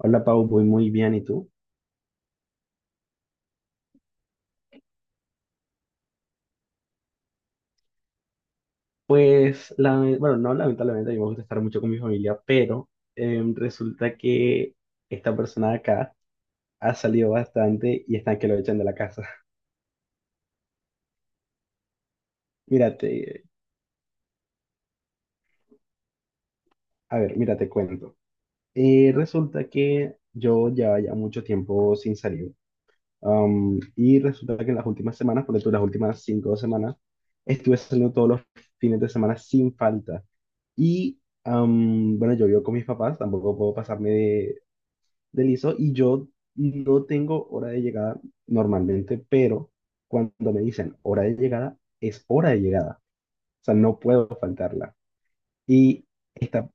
Hola Pau, voy muy bien, ¿y tú? Pues, bueno, no, lamentablemente. A mí me gusta estar mucho con mi familia, pero resulta que esta persona de acá ha salido bastante y están que lo echan de la casa. Mírate, a ver, mira, te cuento. Resulta que yo llevaba ya mucho tiempo sin salir. Y resulta que en las últimas semanas, las últimas 5 semanas, estuve saliendo todos los fines de semana sin falta. Y, bueno, yo vivo con mis papás, tampoco puedo pasarme de Listo, y yo no tengo hora de llegada normalmente, pero cuando me dicen hora de llegada, es hora de llegada. O sea, no puedo faltarla. Y está,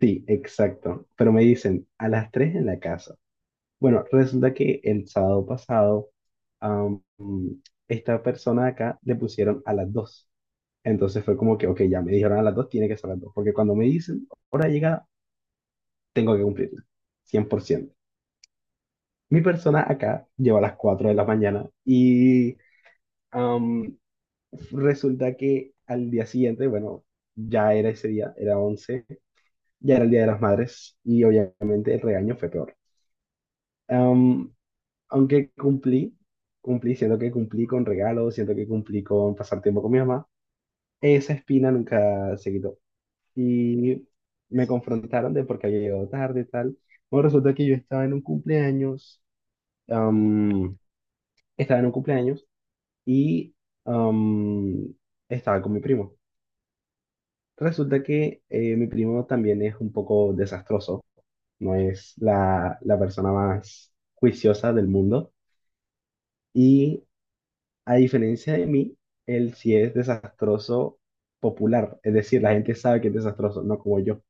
sí, exacto. Pero me dicen a las 3 en la casa. Bueno, resulta que el sábado pasado, am, esta persona acá le pusieron a las 2. Entonces fue como que, ok, ya me dijeron a las 2, tiene que ser a las 2. Porque cuando me dicen hora de llegada, tengo que cumplirla. 100%. Mi persona acá llegó a las 4 de la mañana y, am, resulta que al día siguiente, bueno, ya era ese día, era 11, ya era el Día de las Madres, y obviamente el regaño fue peor. Am, Aunque cumplí, cumplí, siento que cumplí con regalos, siento que cumplí con pasar tiempo con mi mamá, esa espina nunca se quitó. Y me confrontaron de por qué había llegado tarde y tal. Bueno, resulta que yo estaba en un cumpleaños, am, estaba en un cumpleaños y, am, estaba con mi primo. Resulta que mi primo también es un poco desastroso, no es la persona más juiciosa del mundo y, a diferencia de mí, él sí es desastroso popular, es decir, la gente sabe que es desastroso, no como yo,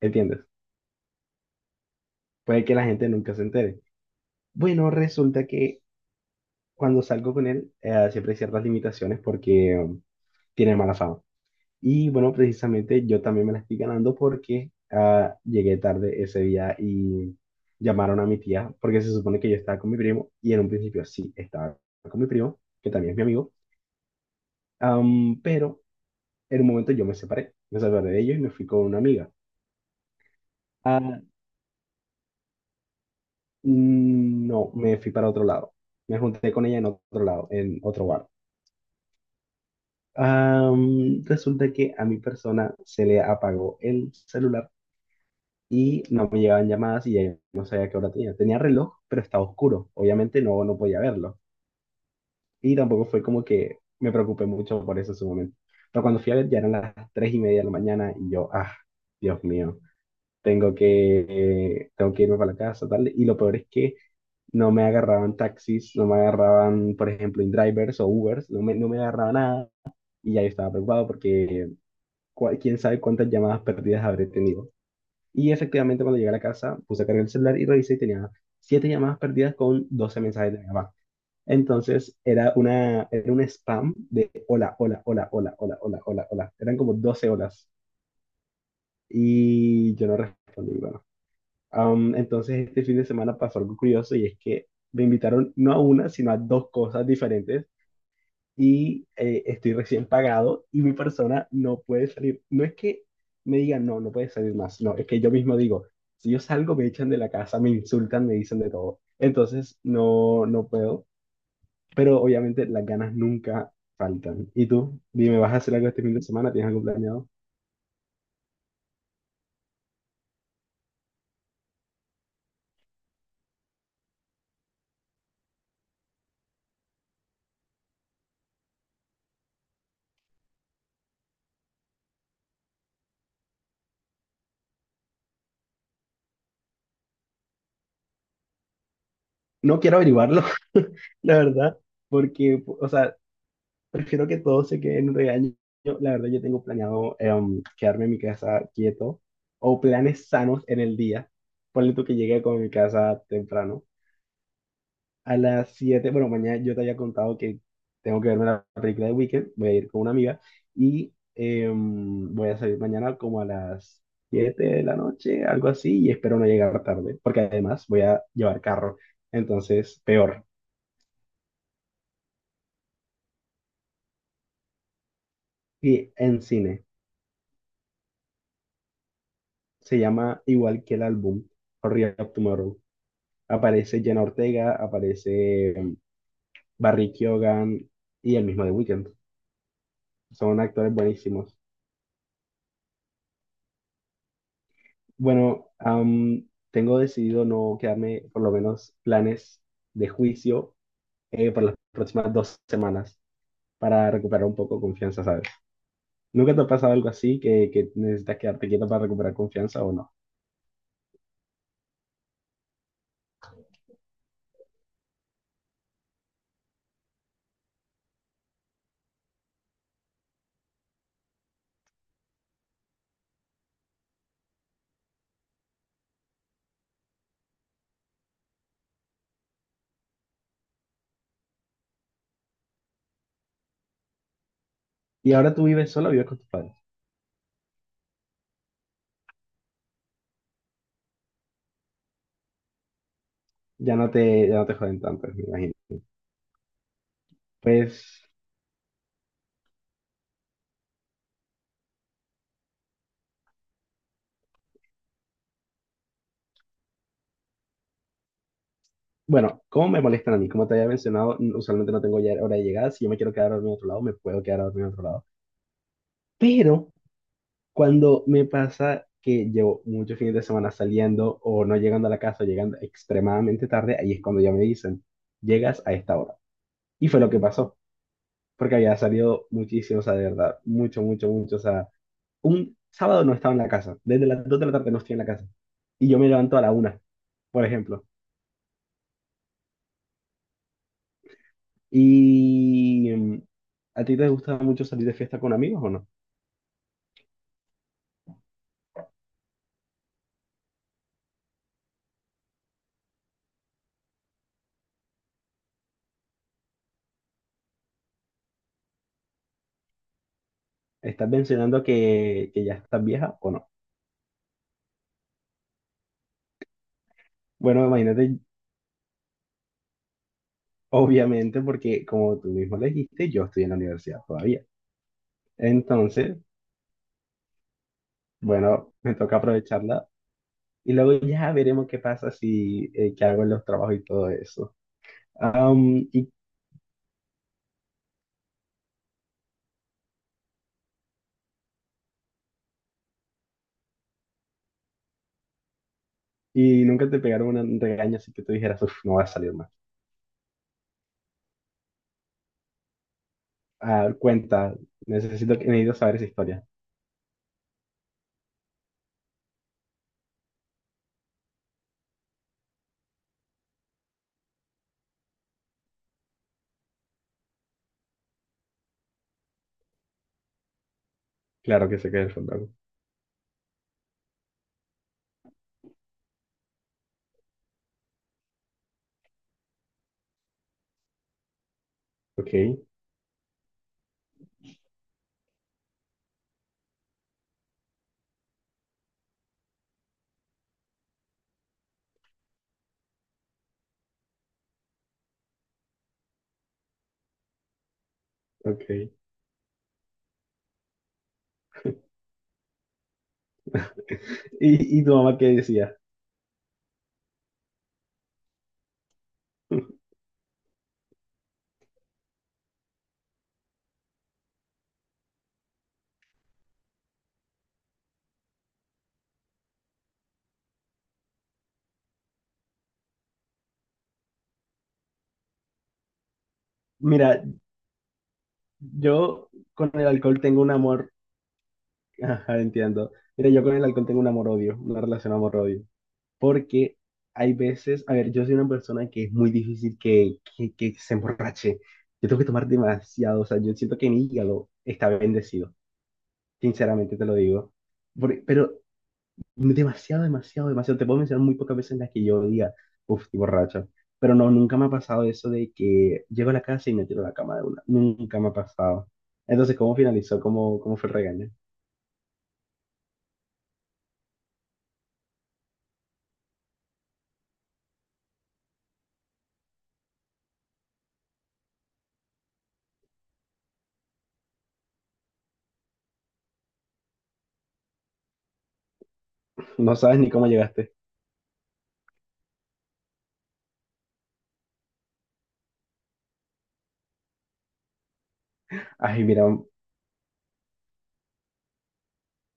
¿entiendes? Puede que la gente nunca se entere. Bueno, resulta que cuando salgo con él, siempre hay ciertas limitaciones porque tiene mala fama. Y bueno, precisamente yo también me la estoy ganando porque llegué tarde ese día, y llamaron a mi tía porque se supone que yo estaba con mi primo, y en un principio sí estaba con mi primo, que también es mi amigo, pero en un momento yo me separé de ellos y me fui con una amiga. Ah, no, me fui para otro lado, me junté con ella en otro lado, en otro bar. Resulta que a mi persona se le apagó el celular y no me llegaban llamadas y ya yo no sabía qué hora tenía. Tenía reloj, pero estaba oscuro. Obviamente no, no podía verlo. Y tampoco fue como que me preocupé mucho por eso en su momento. Pero cuando fui a ver ya eran las 3:30 de la mañana y yo, ah, Dios mío, tengo que irme para la casa, tal. Y lo peor es que no me agarraban taxis, no me agarraban, por ejemplo, InDrivers o Ubers, no me, no me agarraba nada. Y ya yo estaba preocupado porque quién sabe cuántas llamadas perdidas habré tenido. Y efectivamente, cuando llegué a la casa, puse a cargar el celular y revisé y tenía siete llamadas perdidas con 12 mensajes de mi mamá. Entonces, era una, era un spam de hola, hola, hola, hola, hola, hola, hola, hola. Eran como 12 horas. Y yo no respondí, bueno. Entonces, este fin de semana pasó algo curioso, y es que me invitaron no a una, sino a dos cosas diferentes, y estoy recién pagado, y mi persona no puede salir. No es que me digan, no, no puede salir más, no, es que yo mismo digo, si yo salgo me echan de la casa, me insultan, me dicen de todo. Entonces, no, no puedo, pero obviamente las ganas nunca faltan. ¿Y tú? Dime, ¿vas a hacer algo este fin de semana? ¿Tienes algo planeado? No quiero averiguarlo, la verdad, porque, o sea, prefiero que todo se quede en un regaño. Yo, la verdad, yo tengo planeado, quedarme en mi casa quieto o planes sanos en el día. Ponle tú que llegue con mi casa temprano. A las 7, bueno, mañana yo te había contado que tengo que verme la película de Weekend. Voy a ir con una amiga, y voy a salir mañana como a las 7 de la noche, algo así, y espero no llegar tarde, porque además voy a llevar carro. Entonces, peor. Y en cine. Se llama igual que el álbum, Hurry Up Tomorrow. Aparece Jenna Ortega, aparece Barry Keoghan, y el mismo The Weeknd. Son actores buenísimos. Bueno, tengo decidido no quedarme, por lo menos, planes de juicio, por las próximas 2 semanas, para recuperar un poco confianza, ¿sabes? ¿Nunca te ha pasado algo así que necesitas quedarte quieto para recuperar confianza o no? Y ahora tú vives solo, vives con tus padres. Ya no te joden tanto, me imagino. Pues, bueno, ¿cómo me molestan a mí? Como te había mencionado, usualmente no tengo ya hora de llegada. Si yo me quiero quedar a dormir en otro lado, me puedo quedar a dormir en otro lado. Pero cuando me pasa que llevo muchos fines de semana saliendo o no llegando a la casa, llegando extremadamente tarde, ahí es cuando ya me dicen, llegas a esta hora. Y fue lo que pasó, porque había salido muchísimo, o sea, de verdad, mucho, mucho, mucho. O sea, un sábado no estaba en la casa. Desde las 2 de la tarde no estoy en la casa. Y yo me levanto a la 1, por ejemplo. ¿Y a ti te gusta mucho salir de fiesta con amigos o no? ¿Estás mencionando que ya estás vieja o no? Bueno, imagínate, obviamente, porque como tú mismo le dijiste, yo estoy en la universidad todavía. Entonces, bueno, me toca aprovecharla y luego ya veremos qué pasa si, qué hago en los trabajos y todo eso. Y, y nunca te pegaron un regaño así que tú dijeras, uff, no va a salir más. Ah, cuenta, necesito, necesito saber esa historia. Claro que sé que es el fotógrafo. Ok, ok. ¿Y, y tu mamá qué decía? Mira, yo con el alcohol tengo un amor, ajá, entiendo. Mira, yo con el alcohol tengo un amor-odio, una relación amor-odio, porque hay veces, a ver, yo soy una persona que es muy difícil que, que se emborrache. Yo tengo que tomar demasiado, o sea, yo siento que mi hígado está bendecido, sinceramente te lo digo. Pero demasiado, demasiado, demasiado. Te puedo mencionar muy pocas veces en las que yo diga, uff, estoy borracho. Pero no, nunca me ha pasado eso de que llego a la casa y me tiro a la cama de una. Nunca me ha pasado. Entonces, ¿cómo finalizó? ¿Cómo, cómo fue el regaño? No sabes ni cómo llegaste. Ay, mira,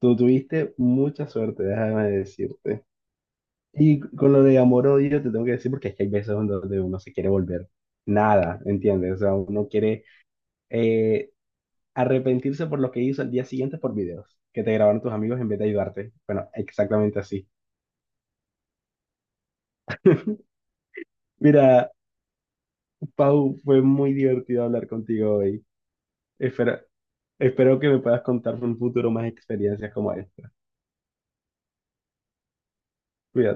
tú tuviste mucha suerte, déjame decirte. Y con lo de amor-odio te tengo que decir porque es que hay veces en donde uno se quiere volver nada, ¿entiendes? O sea, uno quiere, eh, arrepentirse por lo que hizo al día siguiente por videos que te grabaron tus amigos en vez de ayudarte. Bueno, exactamente así. Mira, Pau, fue muy divertido hablar contigo hoy. Espero, espero que me puedas contar en un futuro más experiencias como esta. Cuídate.